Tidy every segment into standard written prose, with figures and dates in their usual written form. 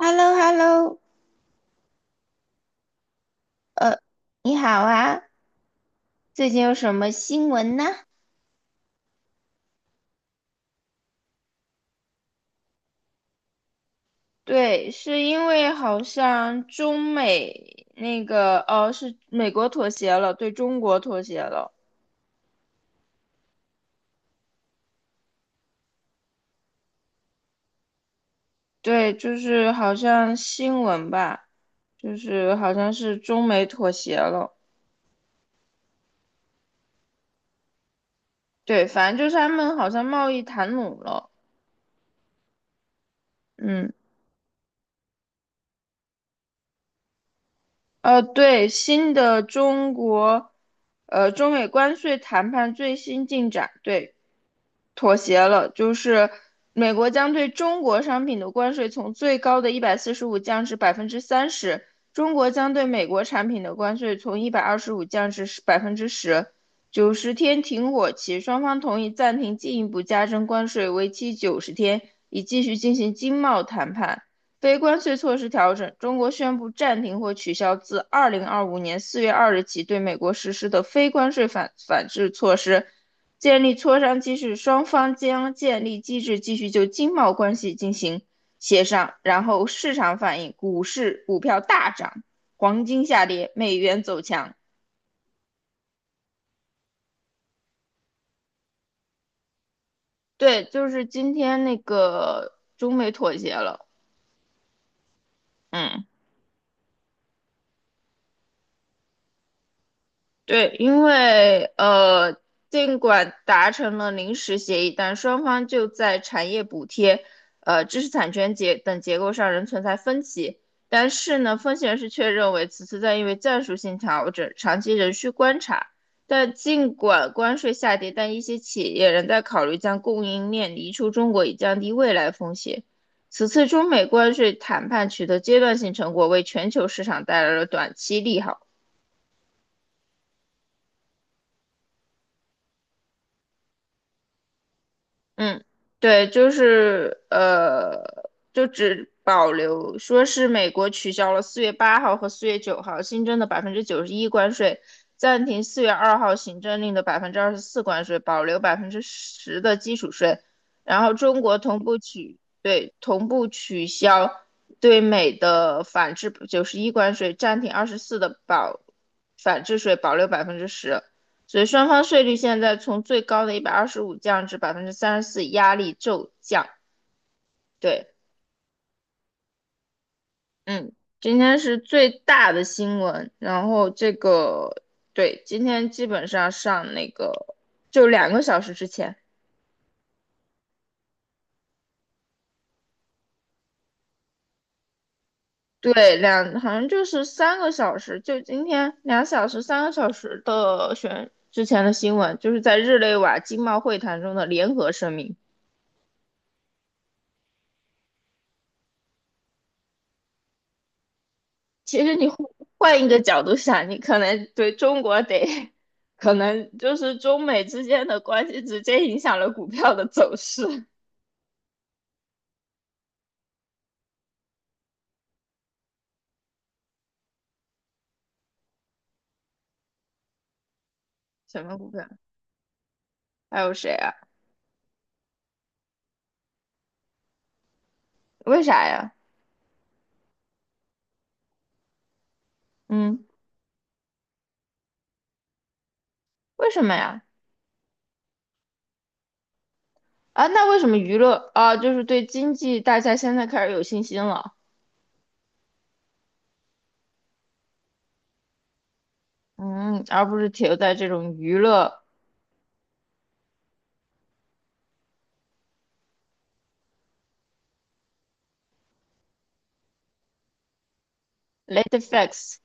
h e l l o h e l l o 呃，你好啊，最近有什么新闻呢？对，是因为好像中美那个，哦，是美国妥协了，对中国妥协了。对，就是好像新闻吧，就是好像是中美妥协了。对，反正就是他们好像贸易谈拢了。嗯。对，新的中国，呃，中美关税谈判最新进展，对，妥协了，就是美国将对中国商品的关税从最高的145降至百分之三十，中国将对美国产品的关税从一百二十五降至百分之十，九十天停火期，双方同意暂停进一步加征关税，为期九十天，以继续进行经贸谈判。非关税措施调整，中国宣布暂停或取消自2025年4月2日起对美国实施的非关税反制措施，建立磋商机制，双方将建立机制继续就经贸关系进行协商。然后市场反应，股市股票大涨，黄金下跌，美元走强。对，就是今天那个中美妥协了，嗯。对，因为尽管达成了临时协议，但双方就在产业补贴、知识产权等结构上仍存在分歧。但是呢，分析人士却认为此次在因为战术性调整，长期仍需观察。但尽管关税下跌，但一些企业仍在考虑将供应链移出中国，以降低未来风险。此次中美关税谈判取得阶段性成果，为全球市场带来了短期利好。嗯，对，就是就只保留说是美国取消了4月8号和4月9号新增的91%关税，暂停4月2号行政令的24%关税，保留百分之十的基础税。然后中国同步取，对，同步取消对美的反制九十一关税，暂停二十四的保反制税，保留百分之十。所以双方税率现在从最高的一百二十五降至34%，压力骤降。对，嗯，今天是最大的新闻，然后这个对，今天基本上上那个就2个小时之前，对，好像就是三个小时，就今天2小时三个小时的选之前的新闻，就是在日内瓦经贸会谈中的联合声明。其实你换一个角度想，你可能对中国得，可能就是中美之间的关系直接影响了股票的走势。什么股票？还有谁啊？为啥呀？嗯，为什么呀？啊，那为什么娱乐啊，就是对经济大家现在开始有信心了，嗯，而不是停留在这种娱乐 late facts。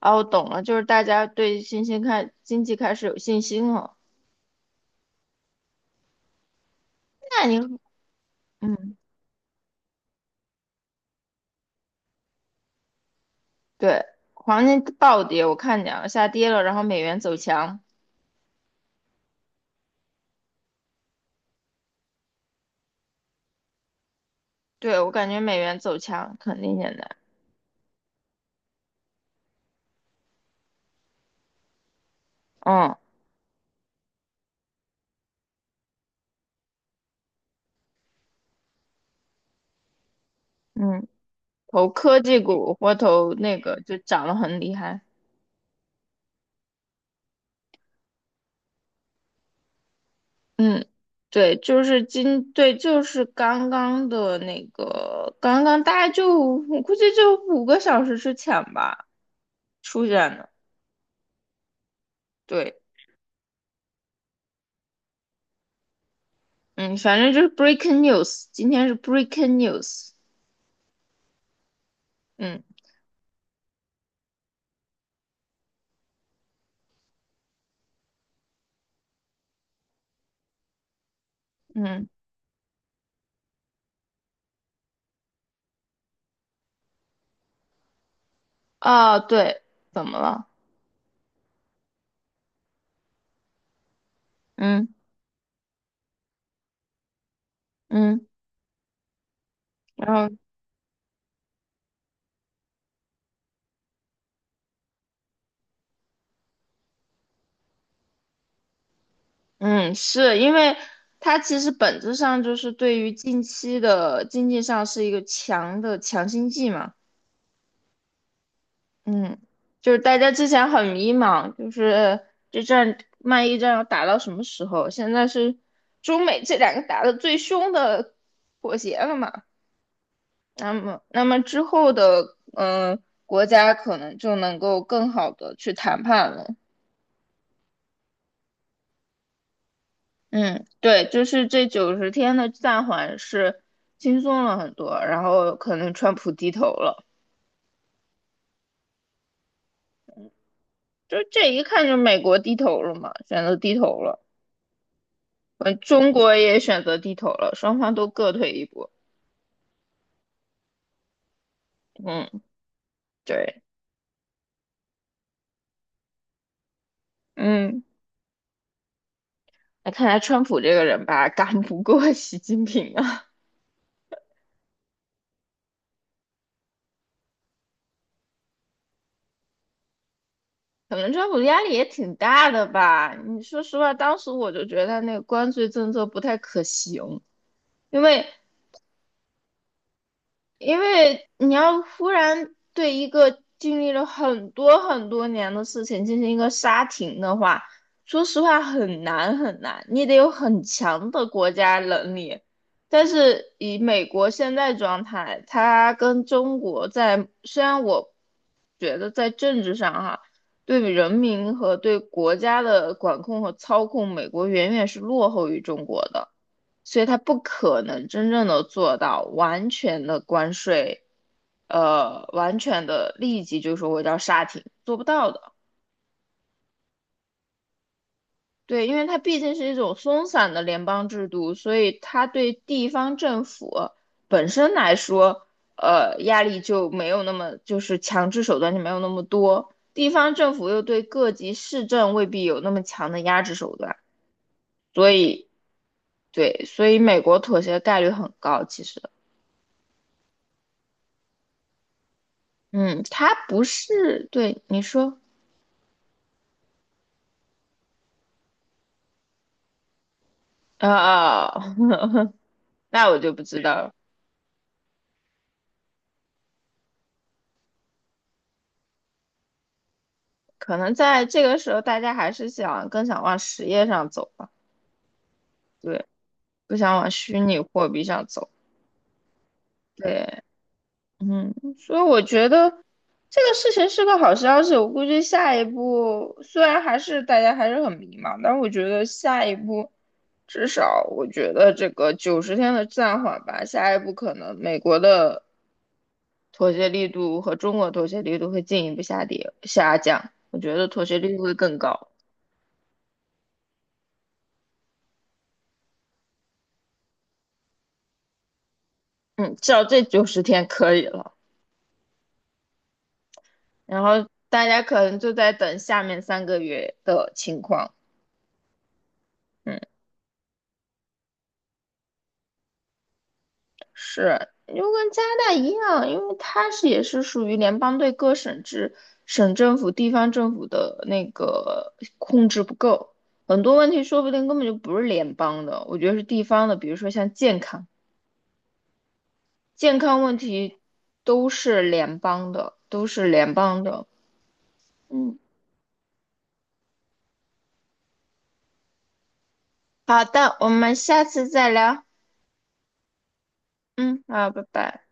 哦，我懂了，就是大家对新兴开经济开始有信心了。那你，嗯。对，黄金暴跌，我看见了，下跌了，然后美元走强。对，我感觉美元走强肯定现在，嗯嗯，投科技股或投那个就涨得很厉害。嗯，对，就是对，就是刚刚的那个，刚刚大概就我估计就5个小时之前吧出现的。对，嗯，反正就是 breaking news，今天是 breaking news。嗯嗯，啊，对，怎么了？嗯嗯。然后，嗯，是因为它其实本质上就是对于近期的经济上是一个强心剂嘛，嗯，就是大家之前很迷茫，就是贸易战要打到什么时候？现在是中美这两个打得最凶的妥协了嘛，那么之后的国家可能就能够更好的去谈判了，嗯，对，就是这九十天的暂缓是轻松了很多，然后可能川普低头了，就这一看就美国低头了嘛，选择低头了，嗯，中国也选择低头了，双方都各退一步。嗯，对，嗯，那看来川普这个人吧，干不过习近平啊，可能川普压力也挺大的吧。你说实话，当时我就觉得他那个关税政策不太可行。因为因为你要忽然对一个经历了很多很多年的事情进行一个刹停的话，说实话很难很难，你得有很强的国家能力。但是以美国现在状态，它跟中国在，虽然我觉得在政治上哈，对人民和对国家的管控和操控，美国远远是落后于中国的。所以它不可能真正的做到完全的关税，完全的立即就说我要刹停，做不到的。对，因为它毕竟是一种松散的联邦制度，所以它对地方政府本身来说，压力就没有那么，就是强制手段就没有那么多。地方政府又对各级市政未必有那么强的压制手段，所以对，所以美国妥协概率很高，其实。嗯，他不是，对，你说，啊？那我就不知道了。可能在这个时候，大家还是想更想往实业上走吧，对，不想往虚拟货币上走。对，嗯，所以我觉得这个事情是个好消息。我估计下一步虽然还是大家还是很迷茫，但是我觉得下一步至少我觉得这个九十天的暂缓吧，下一步可能美国的妥协力度和中国妥协力度会进一步下降。我觉得妥协力度会更高。嗯，至少这九十天可以了。然后大家可能就在等下面3个月的情况。嗯。是，就跟加拿大一样，因为它是也是属于联邦对各省制、省政府、地方政府的那个控制不够，很多问题说不定根本就不是联邦的，我觉得是地方的，比如说像健康，健康问题都是联邦的，都是联邦的。嗯，好的，我们下次再聊。嗯，好，拜拜。